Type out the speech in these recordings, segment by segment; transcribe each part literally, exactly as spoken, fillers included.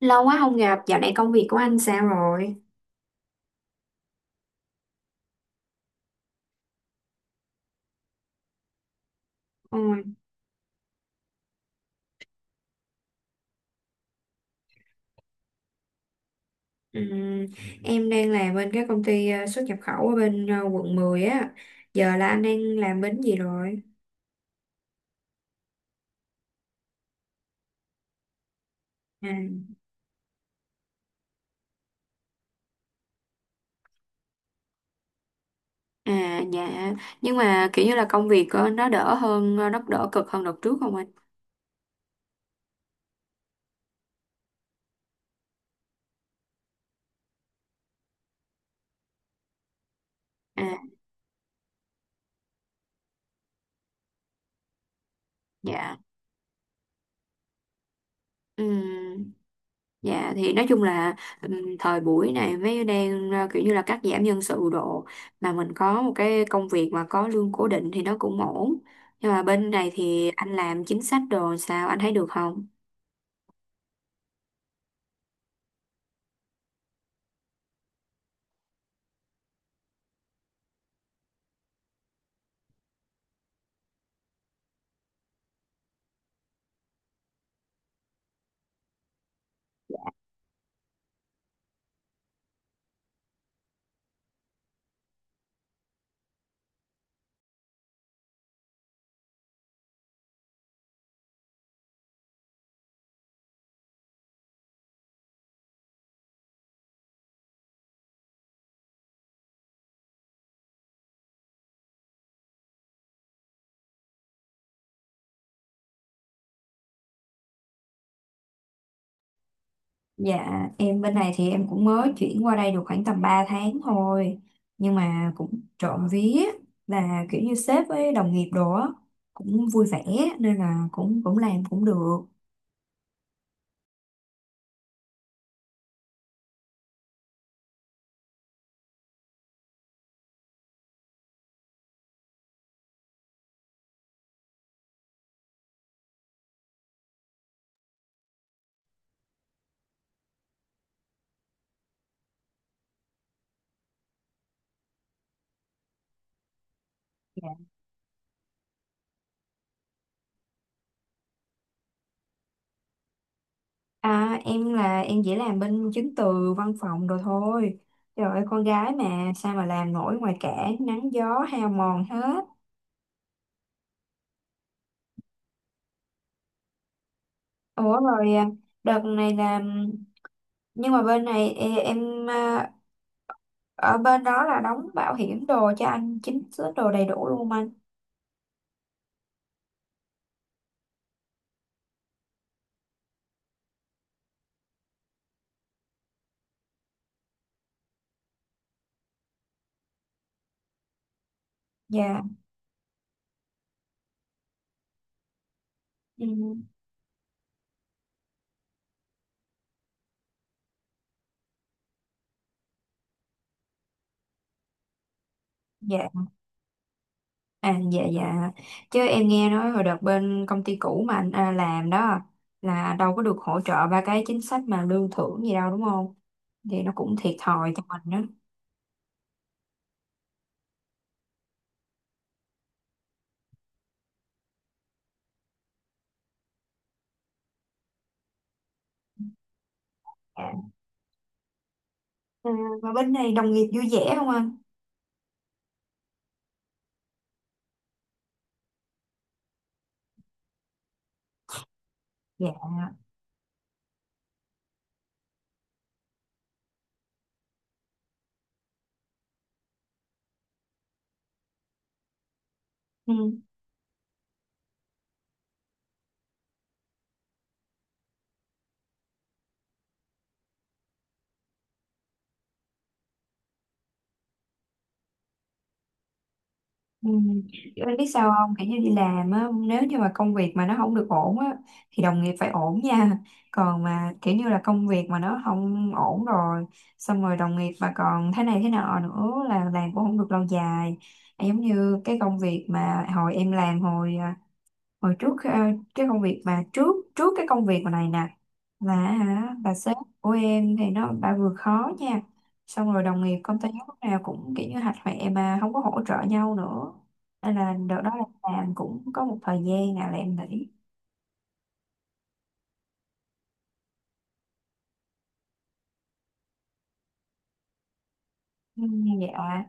Lâu quá không gặp, dạo này công việc của anh sao rồi? Ôi, ừm, em đang làm bên cái công ty ờ, xuất nhập khẩu ở bên ờ, quận mười á. Giờ là anh đang làm bên gì rồi? À, à dạ, nhưng mà kiểu như là công việc ờ, nó đỡ hơn, ờ, nó đỡ cực hơn đợt trước không anh? À, dạ. Ừm. Dạ thì nói chung là ừm, thời buổi này mới đang ờ, kiểu như là cắt giảm nhân sự độ mà mình có một cái công việc mà có lương cố định thì nó cũng ổn. Nhưng mà bên này thì anh làm chính sách đồ sao anh thấy được không? Dạ, em bên này thì em cũng mới chuyển qua đây được khoảng tầm ba tháng thôi. Nhưng mà cũng trộm vía là kiểu như sếp với đồng nghiệp đồ á, cũng vui vẻ nên là cũng cũng làm cũng được. À, em là em chỉ làm bên chứng từ văn phòng rồi thôi. Trời ơi, con gái mà sao mà làm nổi ngoài cả nắng gió hao mòn hết. Ủa rồi à, đợt này là nhưng mà bên này e- em à, ở bên đó là đóng bảo hiểm đồ cho anh chính xứ đồ đầy đủ luôn anh. Dạ. Ừ. Dạ. À dạ dạ, chứ em nghe nói hồi đợt bên công ty cũ mà anh à, làm đó là đâu có được hỗ trợ ba cái chính sách mà lương thưởng gì đâu đúng không? Thì nó cũng thiệt thòi cho mình đó. Dạ. À, và bên này đồng nghiệp vui vẻ không anh? Dạ. Ừ. Ừ. Kiểu em biết sao không? Kiểu như đi làm á, nếu như mà công việc mà nó không được ổn á, thì đồng nghiệp phải ổn nha. Còn mà kiểu như là công việc mà nó không ổn rồi, xong rồi đồng nghiệp mà còn thế này thế nọ nữa là làm cũng không được lâu dài. Giống như cái công việc mà hồi em làm hồi à, hồi trước à, cái công việc mà trước trước cái công việc mà này nè, là hả bà sếp của em thì nó bà vừa khó nha, xong rồi đồng nghiệp công ty lúc nào cũng kiểu như hạch hoẹ mà không có hỗ trợ nhau nữa, nên là đợt đó là làm cũng có một thời gian nào là em nghỉ. Ừ, dạ.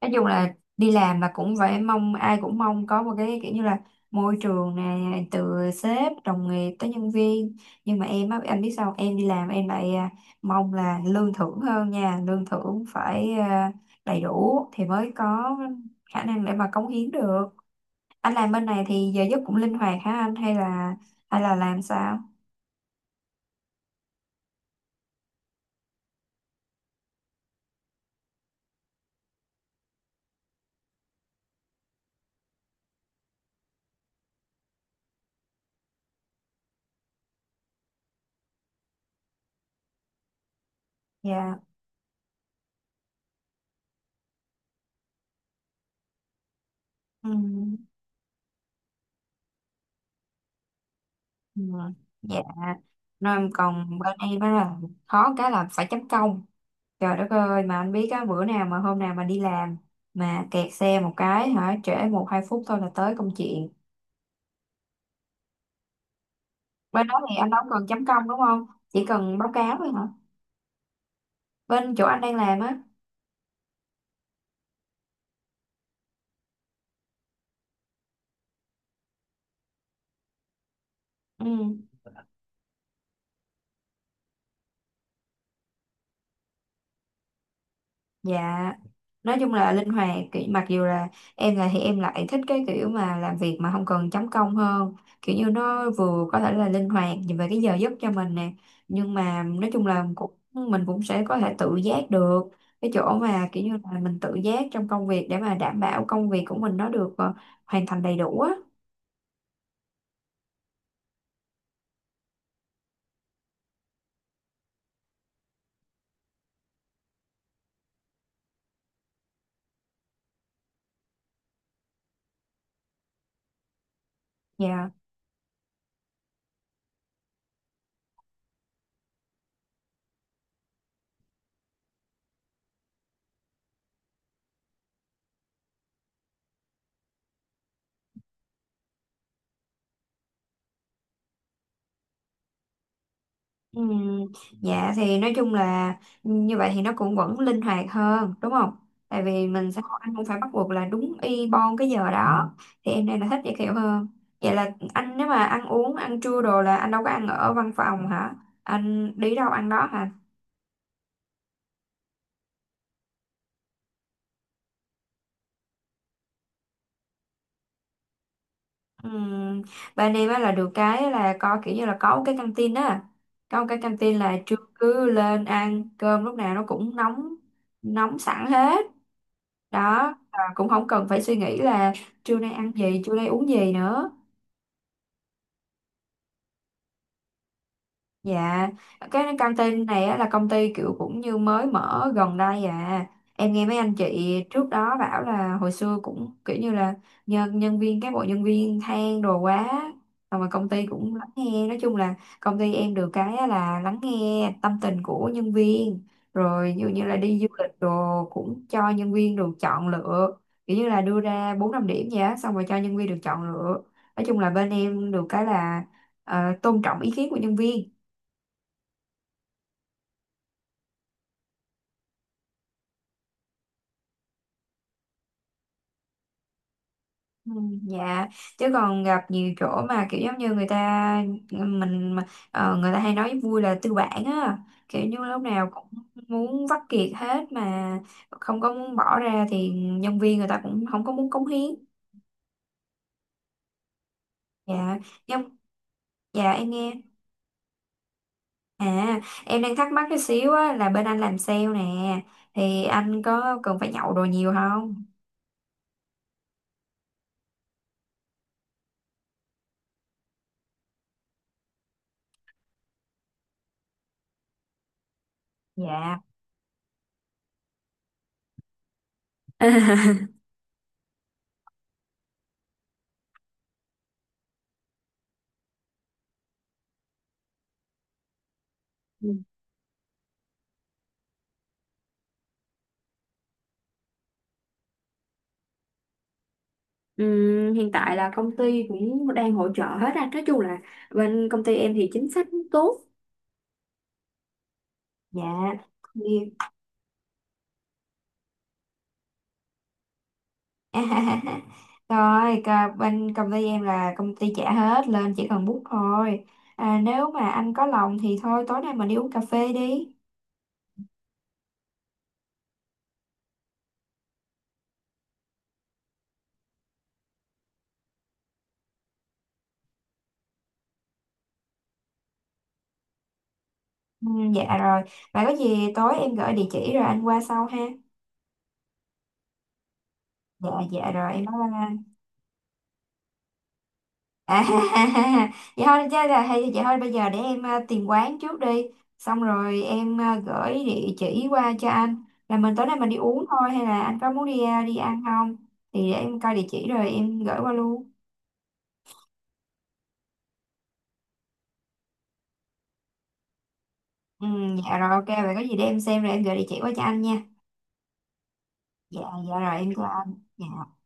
Nói chung là đi làm là cũng phải mong ai cũng mong có một cái kiểu như là môi trường này từ sếp đồng nghiệp tới nhân viên. Nhưng mà em á anh biết sao không? Em đi làm em lại à, mong là lương thưởng hơn nha, lương thưởng phải à, đầy đủ thì mới có khả năng để mà cống hiến được. Anh làm bên này thì giờ giấc cũng linh hoạt hả anh, hay là hay là làm sao? Dạ. Ừ. Ừ, dạ. Nên còn bên em á là khó cái là phải chấm công, trời đất ơi, mà anh biết á, bữa nào mà hôm nào mà đi làm mà kẹt xe một cái hả trễ một hai phút thôi là tới công chuyện. Bên đó thì anh đâu cần chấm công đúng không, chỉ cần báo cáo thôi hả? Bên chỗ anh đang làm á. Ừ. Dạ, nói chung là linh hoạt, kiểu, mặc dù là em là thì em lại thích cái kiểu mà làm việc mà không cần chấm công hơn, kiểu như nó vừa có thể là linh hoạt về cái giờ giấc cho mình nè, nhưng mà nói chung là cũng mình cũng sẽ có thể tự giác được cái chỗ mà kiểu như là mình tự giác trong công việc để mà đảm bảo công việc của mình nó được ờ, hoàn thành đầy đủ á. Dạ. Ừ, dạ thì nói chung là như vậy thì nó cũng vẫn linh hoạt hơn đúng không? Tại vì mình sẽ không, anh không phải bắt buộc là đúng y bon cái giờ đó, thì em này là thích vậy kiểu hơn. Vậy là anh nếu mà ăn uống ăn trưa đồ là anh đâu có ăn ở văn phòng hả? Anh đi đâu ăn đó hả? Ừm, bên em á là được cái là có kiểu như là có một cái căng tin á, có một cái căng tin là trưa cứ lên ăn cơm lúc nào nó cũng nóng, nóng sẵn hết đó, và cũng không cần phải suy nghĩ là trưa nay ăn gì, trưa nay uống gì nữa. Dạ, cái căng tin này á, là công ty kiểu cũng như mới mở gần đây à. Em nghe mấy anh chị trước đó bảo là hồi xưa cũng kiểu như là nhân nhân viên cán bộ nhân viên than đồ quá. Xong rồi công ty cũng lắng nghe, nói chung là công ty em được cái á là lắng nghe tâm tình của nhân viên. Rồi dụ như là đi du lịch đồ cũng cho nhân viên được chọn lựa, kiểu như là đưa ra bốn năm điểm vậy á, xong rồi cho nhân viên được chọn lựa. Nói chung là bên em được cái là ờ, tôn trọng ý kiến của nhân viên. Ừ. Dạ, chứ còn gặp nhiều chỗ mà kiểu giống như người ta mình mà- ờ, người ta hay nói vui là tư bản á, kiểu như lúc nào cũng muốn vắt kiệt hết mà không có muốn bỏ ra thì nhân viên người ta cũng không có muốn cống hiến. Dạ. Nhưng dạ em nghe. À, em đang thắc mắc cái xíu á là bên anh làm sale nè thì anh có cần phải nhậu đồ nhiều không? Dạ. Ừm, hiện tại là công ty cũng đang hỗ trợ hết á. Nói chung là bên công ty em thì chính sách cũng tốt. Dạ. Nhiều. Rồi, cà- bên công ty em là công ty trả hết lên chỉ cần bút thôi. À, nếu mà anh có lòng thì thôi tối nay mình đi uống cà phê đi. Ừ, dạ rồi. Vậy có gì tối em gửi địa chỉ rồi anh qua sau ha. Dạ dạ rồi em bye bye. À, vậy thôi chứ là hay vậy thôi bây giờ để em ờ, tìm quán trước đi, xong rồi em ờ, gửi địa chỉ qua cho anh là mình tối nay mình đi uống thôi, hay là anh có muốn đi ờ, đi ăn không, thì để em coi địa chỉ rồi em gửi qua luôn. Ừ, dạ rồi, ok. Vậy có gì để em xem rồi em gửi địa chỉ qua cho anh nha. Dạ. Dạ rồi em chào anh. Dạ.